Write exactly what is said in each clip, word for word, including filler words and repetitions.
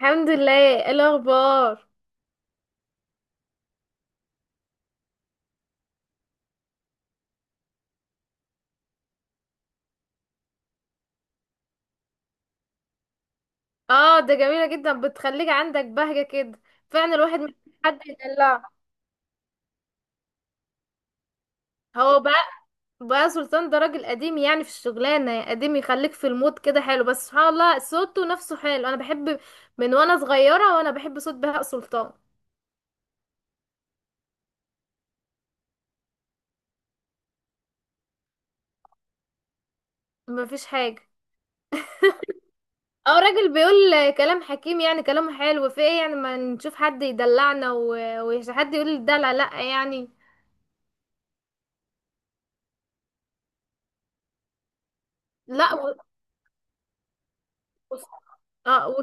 الحمد لله. إيه الاخبار؟ اه، ده جميله جدا، بتخليك عندك بهجه كده. فعلا الواحد محتاج حد يدلعه. هو بقى بقى سلطان ده راجل قديم، يعني في الشغلانه قديم، يخليك في المود كده حلو. بس سبحان الله، صوته نفسه حلو. انا بحب من وانا صغيره، وانا بحب صوت بهاء سلطان. مفيش حاجه. اه، راجل بيقول كلام حكيم، يعني كلامه حلو. في ايه يعني؟ ما نشوف حد يدلعنا و- وحد يقول الدلع، لا يعني. لا و... اه،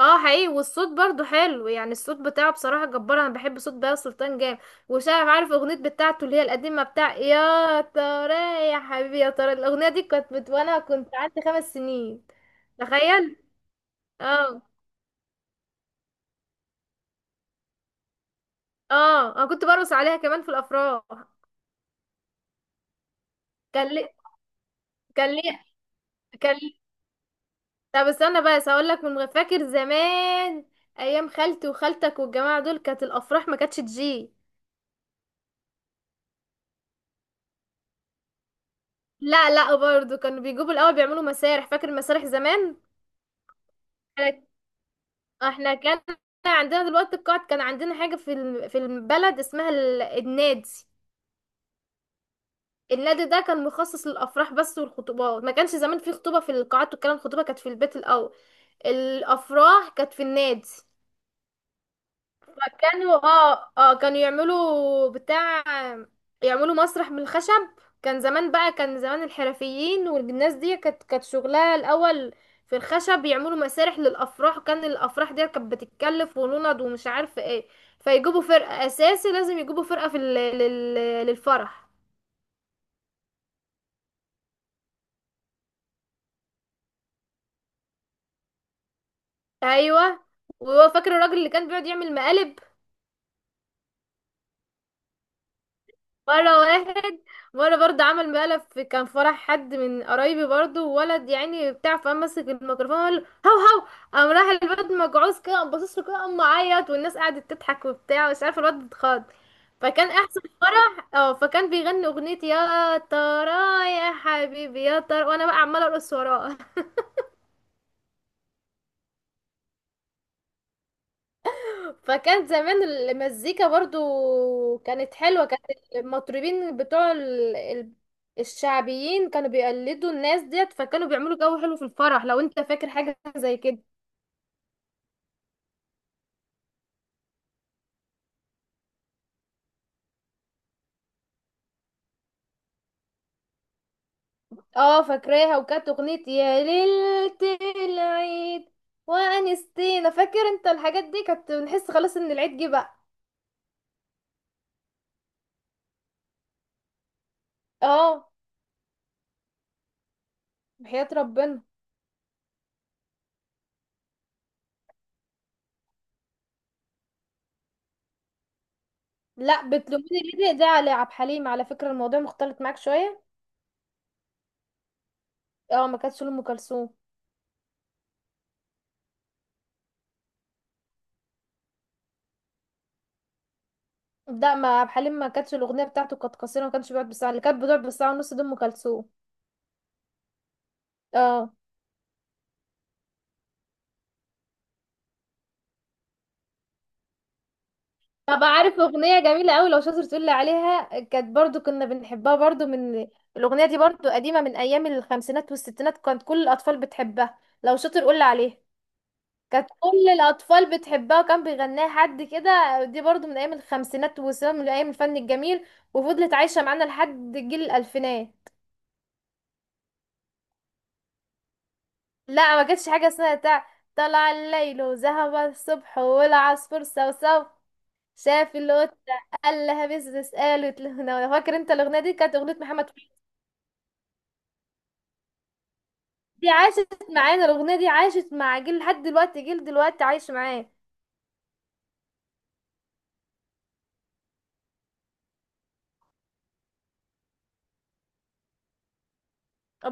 اه، حقيقي، والصوت برضو حلو يعني. الصوت بتاعه بصراحة جبار. انا بحب صوت بهاء سلطان جامد. وشايف عارف اغنية بتاعته اللي هي القديمة، بتاع يا ترى، يا حبيبي يا ترى؟ الاغنية دي كانت بت... وانا كنت عندي خمس سنين. تخيل. اه، اه، انا كنت برقص عليها كمان في الافراح. كان لي كان لي كان لي طب استنى بس هقول لك من فاكر زمان. ايام خالتي وخالتك والجماعة دول، كانت الافراح ما كانتش تجي. لا، لا، برضو كانوا بيجيبوا الاول، بيعملوا مسارح. فاكر المسارح زمان؟ احنا كان عندنا دلوقتي القاعد، كان عندنا حاجة في الم- في البلد اسمها ال- النادي. النادي ده كان مخصص للأفراح بس، والخطوبات ما كانش زمان في خطوبة في القاعات والكلام. الخطوبة كانت في البيت الأول. الأفراح كانت في النادي. كانوا، اه اه كانوا يعملوا بتاع، يعملوا مسرح من الخشب. كان زمان بقى كان زمان الحرفيين والناس دي، كانت كانت شغلها الاول في الخشب، يعملوا مسارح للافراح. وكان الافراح دي كانت بتتكلف ونند ومش عارفه ايه. فيجيبوا فرقه، اساسي لازم يجيبوا فرقه في ال- لل- للفرح. ايوه. وهو فاكر الراجل اللي كان بيقعد يعمل مقالب؟ مرة واحد، مرة برضه عمل مقلب في، كان فرح حد من قرايبي برضه، وولد يعني بتاع، فقام مسك الميكروفون وقال له: هو هو. قام راح الواد مجعوز كده، قام باصص له كده، قام معيط، والناس قعدت تضحك وبتاع، مش عارفة، الواد اتخض. فكان احسن فرح. اه، فكان بيغني اغنية يا ترى، يا حبيبي يا ترى، وانا بقى عمالة ارقص وراه. فكان زمان المزيكا برضو كانت حلوة. كانت المطربين بتوع ال- ال- الشعبيين كانوا بيقلدوا الناس ديت، فكانوا بيعملوا جو حلو في الفرح. لو انت فاكر حاجة زي كده. اه، فاكراها، وكانت اغنية يا ليلة العيد وانستينا. فاكر انت الحاجات دي؟ كانت بنحس خلاص ان العيد جه بقى. اه، بحياة ربنا. لا، بتلوميني ليه ده على عبد الحليم. على فكرة الموضوع مختلط معاك شوية. اه، ما كانتش لأم كلثوم. ده ما عبد الحليم، ما كانتش الاغنيه بتاعته، كانت قصيره، ما كانش بيقعد بالساعه. اللي كانت بتقعد بالساعه ونص دي ام كلثوم. اه. طب عارف اغنيه جميله قوي لو شاطر تقول لي عليها؟ كانت برضو كنا بنحبها برضو من... الاغنيه دي برضو قديمه، من ايام الخمسينات والستينات، كانت كل الاطفال بتحبها. لو شاطر قول لي عليها. كانت كل الاطفال بتحبها، وكان بيغناها حد كده. دي برضو من ايام الخمسينات والستينات، من ايام الفن الجميل، وفضلت عايشه معانا لحد جيل الالفينات. لا، ما كانتش حاجة اسمها تع طلع الليل وذهب الصبح والعصفور صوصو شاف القطة قال لها بس قالت له أنا. فاكر انت الأغنية دي؟ كانت أغنية محمد فوزي. دي عاشت معانا، الأغنية دي عاشت مع جيل، لحد دلوقتي جيل دلوقتي عايش معاه.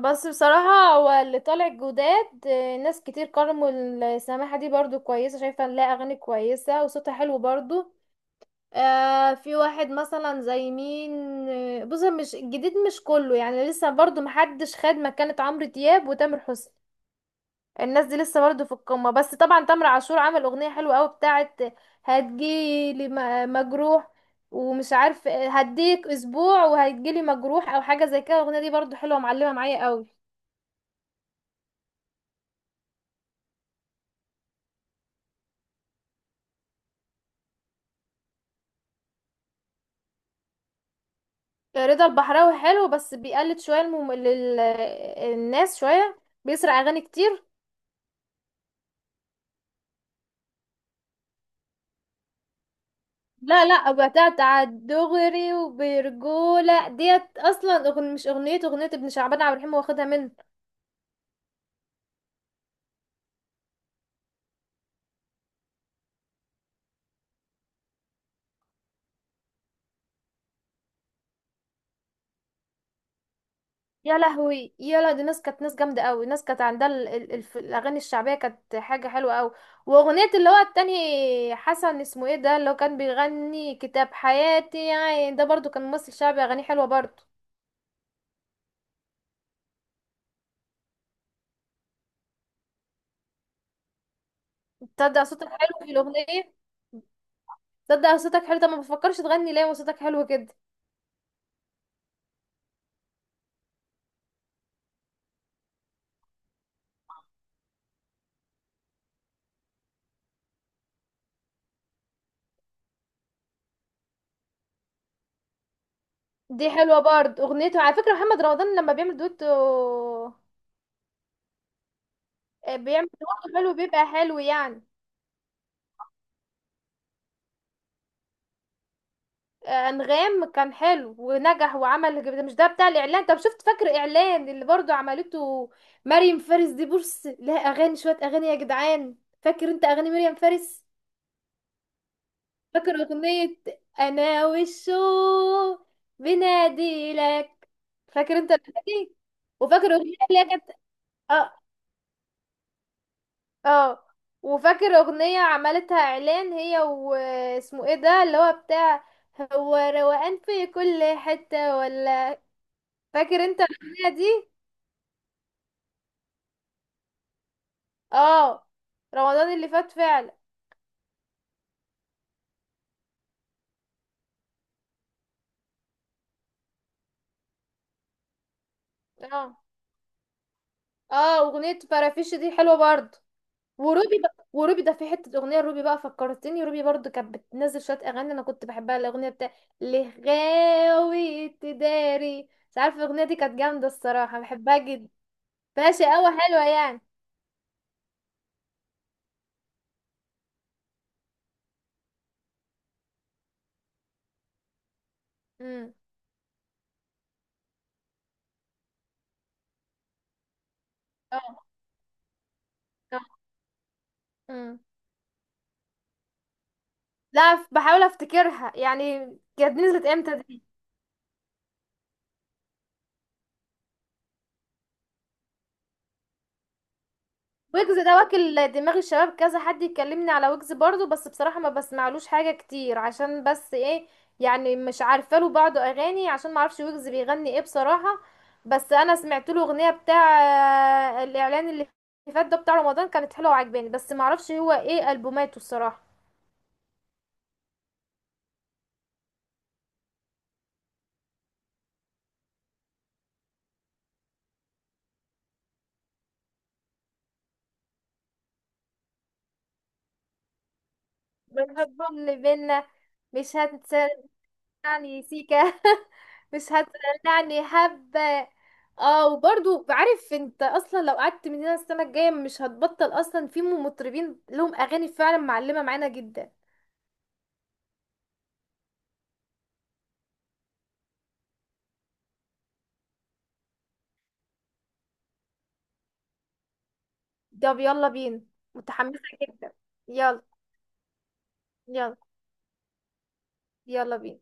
بس بصراحة، هو اللي طالع جداد آه، ناس كتير قرموا. السماحة دي برضو كويسة، شايفة إن لها أغاني كويسة وصوتها حلو برضو. آه في واحد مثلا زي مين؟ آه، بص، مش الجديد مش كله يعني، لسه برضو محدش خد مكانة عمرو دياب وتامر حسني. الناس دي لسه برضو في القمة. بس طبعا تامر عاشور عمل اغنية حلوة قوي بتاعت هتجيلي م- مجروح، ومش عارف هديك اسبوع وهتجيلي مجروح، او حاجة زي كده. الاغنية دي برضو حلوة، معلمة معايا قوي. رضا البحراوي حلو، بس بيقلد شوية المم... لل... الناس شوية، بيسرق اغاني كتير. لا، لا، بتاعت على الدغري وبرجولة ديت، اصلا أغن... مش اغنية، اغنية ابن شعبان عبد الرحيم واخدها منه. يا لهوي، يا لا، دي ناس كانت ناس جامدة قوي. ناس كانت عندها ال... ال... الف- الاغاني الشعبية، كانت حاجة حلوة قوي. واغنية اللي هو التاني، حسن اسمه ايه ده، اللي هو كان بيغني كتاب حياتي يعني. ده برضو كان ممثل شعبي، اغانيه حلوة برضو. تصدق صوتك حلو في الاغنية؟ تصدق صوتك حلو. طب ما بفكرش تغني ليه وصوتك حلو كده؟ دي حلوة برضو اغنيته، على فكرة محمد رمضان لما بيعمل دويتو. آه، بيعمل لوحده حلو، بيبقى حلو يعني. آه، انغام كان حلو ونجح. وعمل، مش ده بتاع الاعلان؟ طب شفت فاكر اعلان اللي برضو عملته؟ مريم فارس دي بص، لها اغاني، شويه اغاني يا جدعان. فاكر انت اغاني مريم فارس؟ فاكر اغنيه انا والشوق بنادي لك؟ فاكر انت الاغنيه دي؟ وفاكر اغنيه اللي هي كانت. اه، اه، وفاكر اغنية عملتها اعلان، هي واسمه ايه ده، اللي هو بتاع، هو روقان في كل حتة ولا؟ فاكر انت الاغنية دي؟ اه، رمضان اللي فات فعلا. اه، اه، اغنية فرافيش دي حلوة برضه. وروبي بقى، وروبي ده في حتة اغنية، روبي بقى فكرتني، روبي برضه كانت بتنزل شوية اغاني انا كنت بحبها، الاغنية بتاع اللي غاوي تداري. مش عارفة، الاغنية دي كانت جامدة الصراحة، بحبها جدا. ماشي قوي، حلوة يعني. امم. اه. امم. لا، ف- بحاول افتكرها يعني. كانت نزلت امتى دي؟ ويجز ده واكل دماغ الشباب، كذا حد يكلمني على ويجز برضو. بس بصراحة ما بسمعلوش حاجة كتير عشان بس ايه، يعني مش عارفة، له بعض اغاني، عشان ما اعرفش ويجز بيغني ايه بصراحة. بس انا سمعت له اغنية بتاع آه، الاعلان اللي فات ده بتاع رمضان، كانت حلوة وعجباني. بس ما اعرفش هو ايه البوماته الصراحة. بالحب اللي بينا مش هنسى. يعني سيكا مش هتدلعني حبة. اه، وبرضو بعرف انت اصلا لو قعدت من هنا السنة الجاية مش هتبطل. اصلا في مطربين لهم اغاني فعلا معلمة معانا جدا. طب يلا بينا. متحمسة جدا. يلا، يلا، يلا بينا.